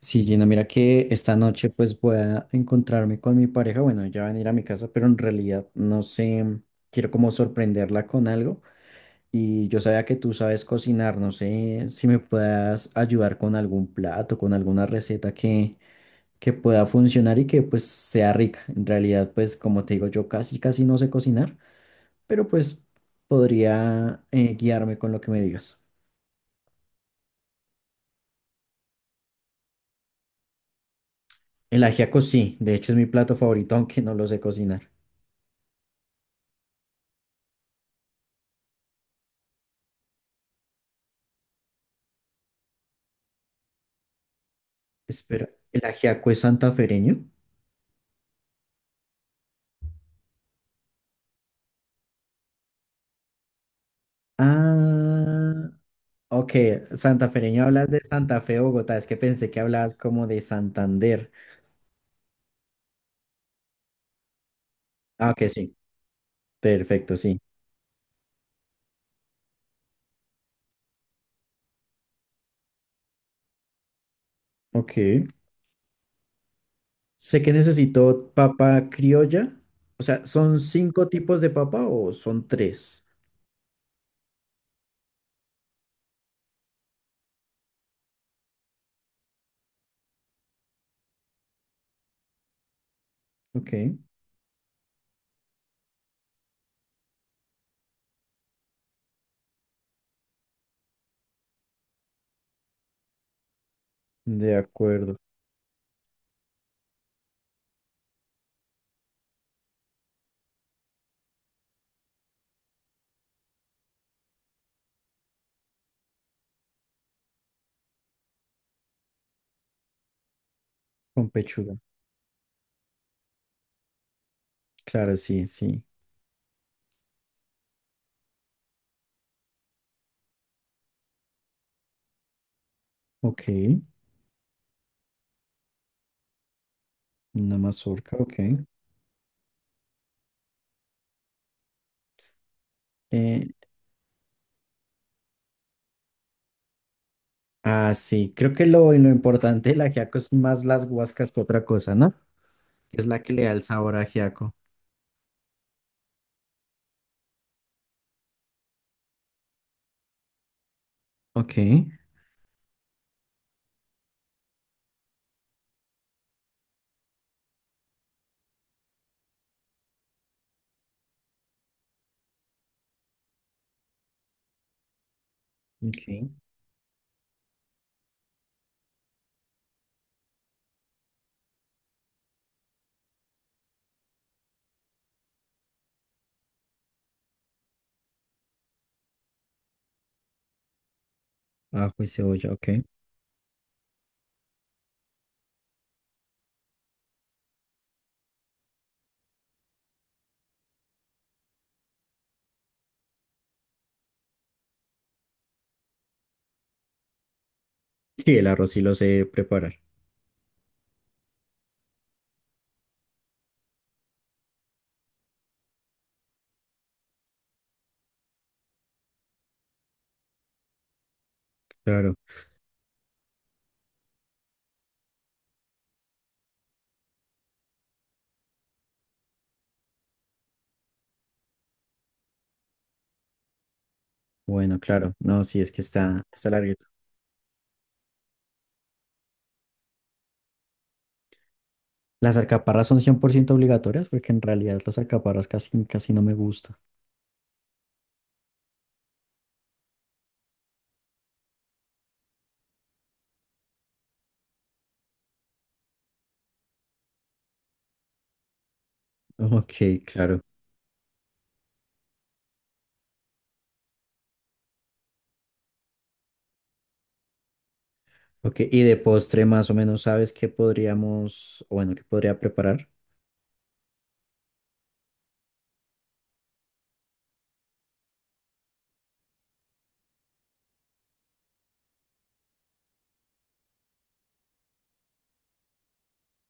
Sí, Gina, mira que esta noche pues voy a encontrarme con mi pareja. Bueno, ella va a venir a mi casa, pero en realidad no sé, quiero como sorprenderla con algo. Y yo sabía que tú sabes cocinar, no sé si me puedas ayudar con algún plato, con alguna receta que pueda funcionar y que pues sea rica. En realidad pues como te digo, yo casi casi no sé cocinar, pero pues podría guiarme con lo que me digas. El ajiaco sí, de hecho es mi plato favorito, aunque no lo sé cocinar. Espera, ¿el ajiaco es santafereño? Ah, ok, santafereño hablas de Santa Fe, Bogotá. Es que pensé que hablabas como de Santander. Ah, ok, sí, perfecto, sí. Ok. Sé que necesito papa criolla. O sea, ¿son cinco tipos de papa o son tres? Ok, de acuerdo, con pechuga. Claro, sí, sí. Ok, una mazorca, ok. Eh, ah, sí, creo que lo importante del ajiaco es más las guascas que otra cosa, ¿no? Que es la que le da el sabor a ajiaco. Ok, ok. Ajo y cebolla, ok. Sí, el arroz sí lo sé preparar. Claro. Bueno, claro. No, sí, es que está larguito. Las alcaparras son 100% obligatorias porque en realidad las alcaparras casi, casi no me gustan. Ok, claro. Ok, y de postre más o menos sabes qué podríamos, o bueno, qué podría preparar.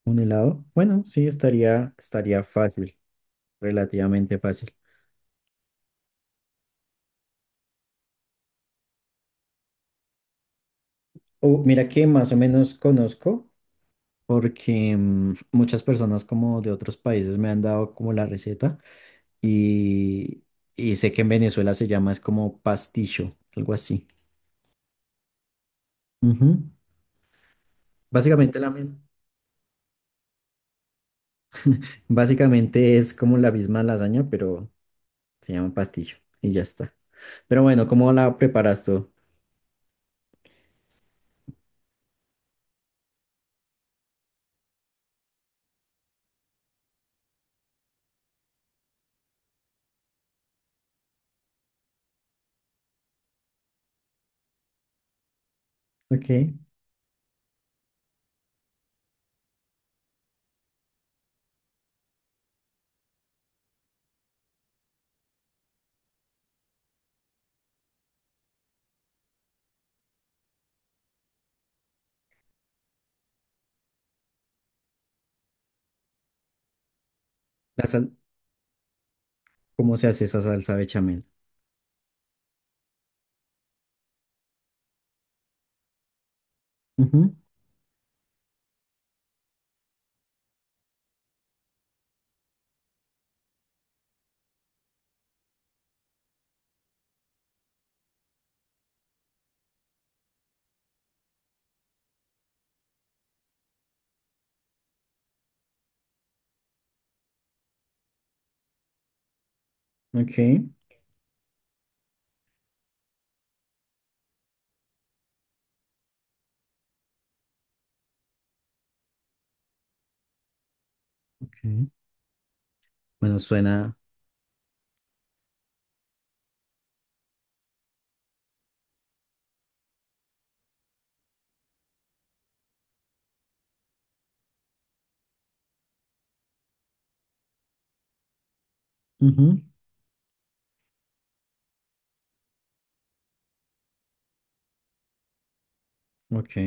¿Un helado? Bueno, sí, estaría fácil, relativamente fácil. O mira que más o menos conozco porque muchas personas como de otros países me han dado como la receta y, y sé que en Venezuela se llama es como pasticho, algo así. Ujú. Básicamente la misma. Básicamente es como la misma lasaña, pero se llama pastillo y ya está. Pero bueno, ¿cómo la preparas tú? Ok. La sal- ¿Cómo se hace esa salsa bechamel? Ujú, ok. Ok. Bueno, suena. Ujú, ok.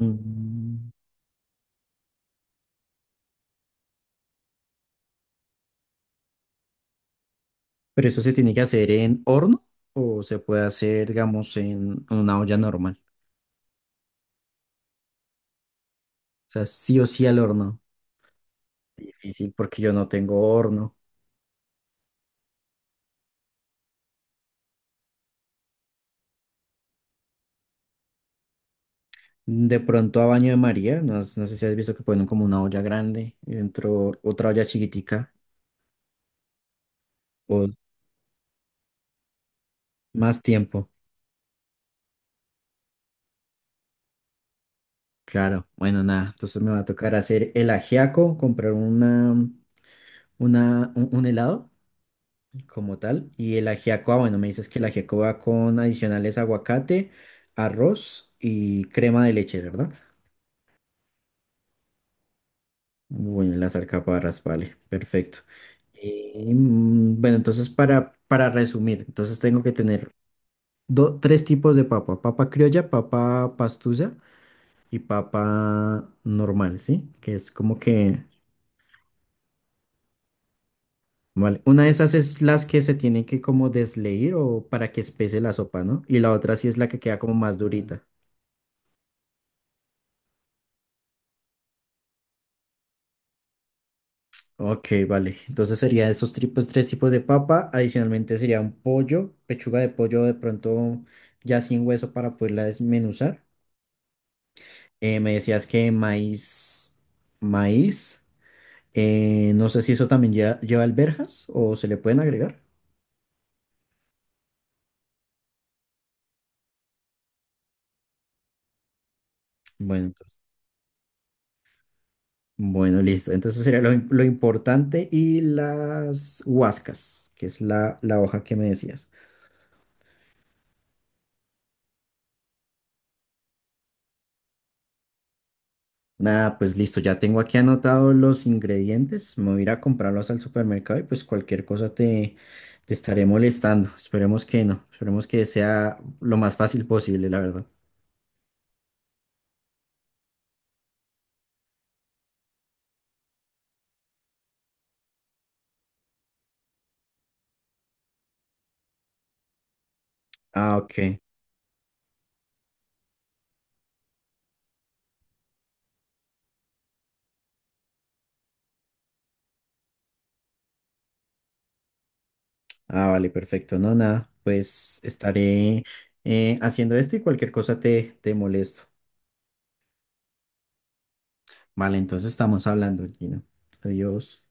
Mm, pero eso se tiene que hacer en horno o se puede hacer, digamos, en una olla normal. O sea, sí o sí al horno. Difícil porque yo no tengo horno. De pronto a baño de María, no, no sé si has visto que ponen como una olla grande y dentro otra olla chiquitica o más tiempo. Claro, bueno, nada. Entonces me va a tocar hacer el ajiaco, comprar una, un helado como tal. Y el ajiaco, ah, bueno, me dices que el ajiaco va con adicionales aguacate, arroz y crema de leche, ¿verdad? Bueno, las alcaparras, vale, perfecto. Bueno, entonces para resumir, entonces tengo que tener tres tipos de papa, papa criolla, papa pastusa y papa normal, ¿sí? Que es como que, vale, una de esas es las que se tienen que como desleír o para que espese la sopa, ¿no? Y la otra sí es la que queda como más durita. Ok, vale. Entonces sería esos tipos, tres tipos de papa. Adicionalmente sería un pollo, pechuga de pollo de pronto ya sin hueso para poderla desmenuzar. Me decías que maíz, maíz. Eh, no sé si eso también lleva, lleva alberjas o se le pueden agregar. Bueno, entonces, bueno, listo. Entonces sería lo, lo importante y las huascas, que es la, la hoja que me decías. Nada, pues listo, ya tengo aquí anotados los ingredientes. Me voy a ir a comprarlos al supermercado y pues cualquier cosa te, te estaré molestando. Esperemos que no, esperemos que sea lo más fácil posible, la verdad. Ah, ok. Ah, vale, perfecto. No, nada, pues estaré haciendo esto y cualquier cosa te, te molesto. Vale, entonces estamos hablando, Gino. Adiós.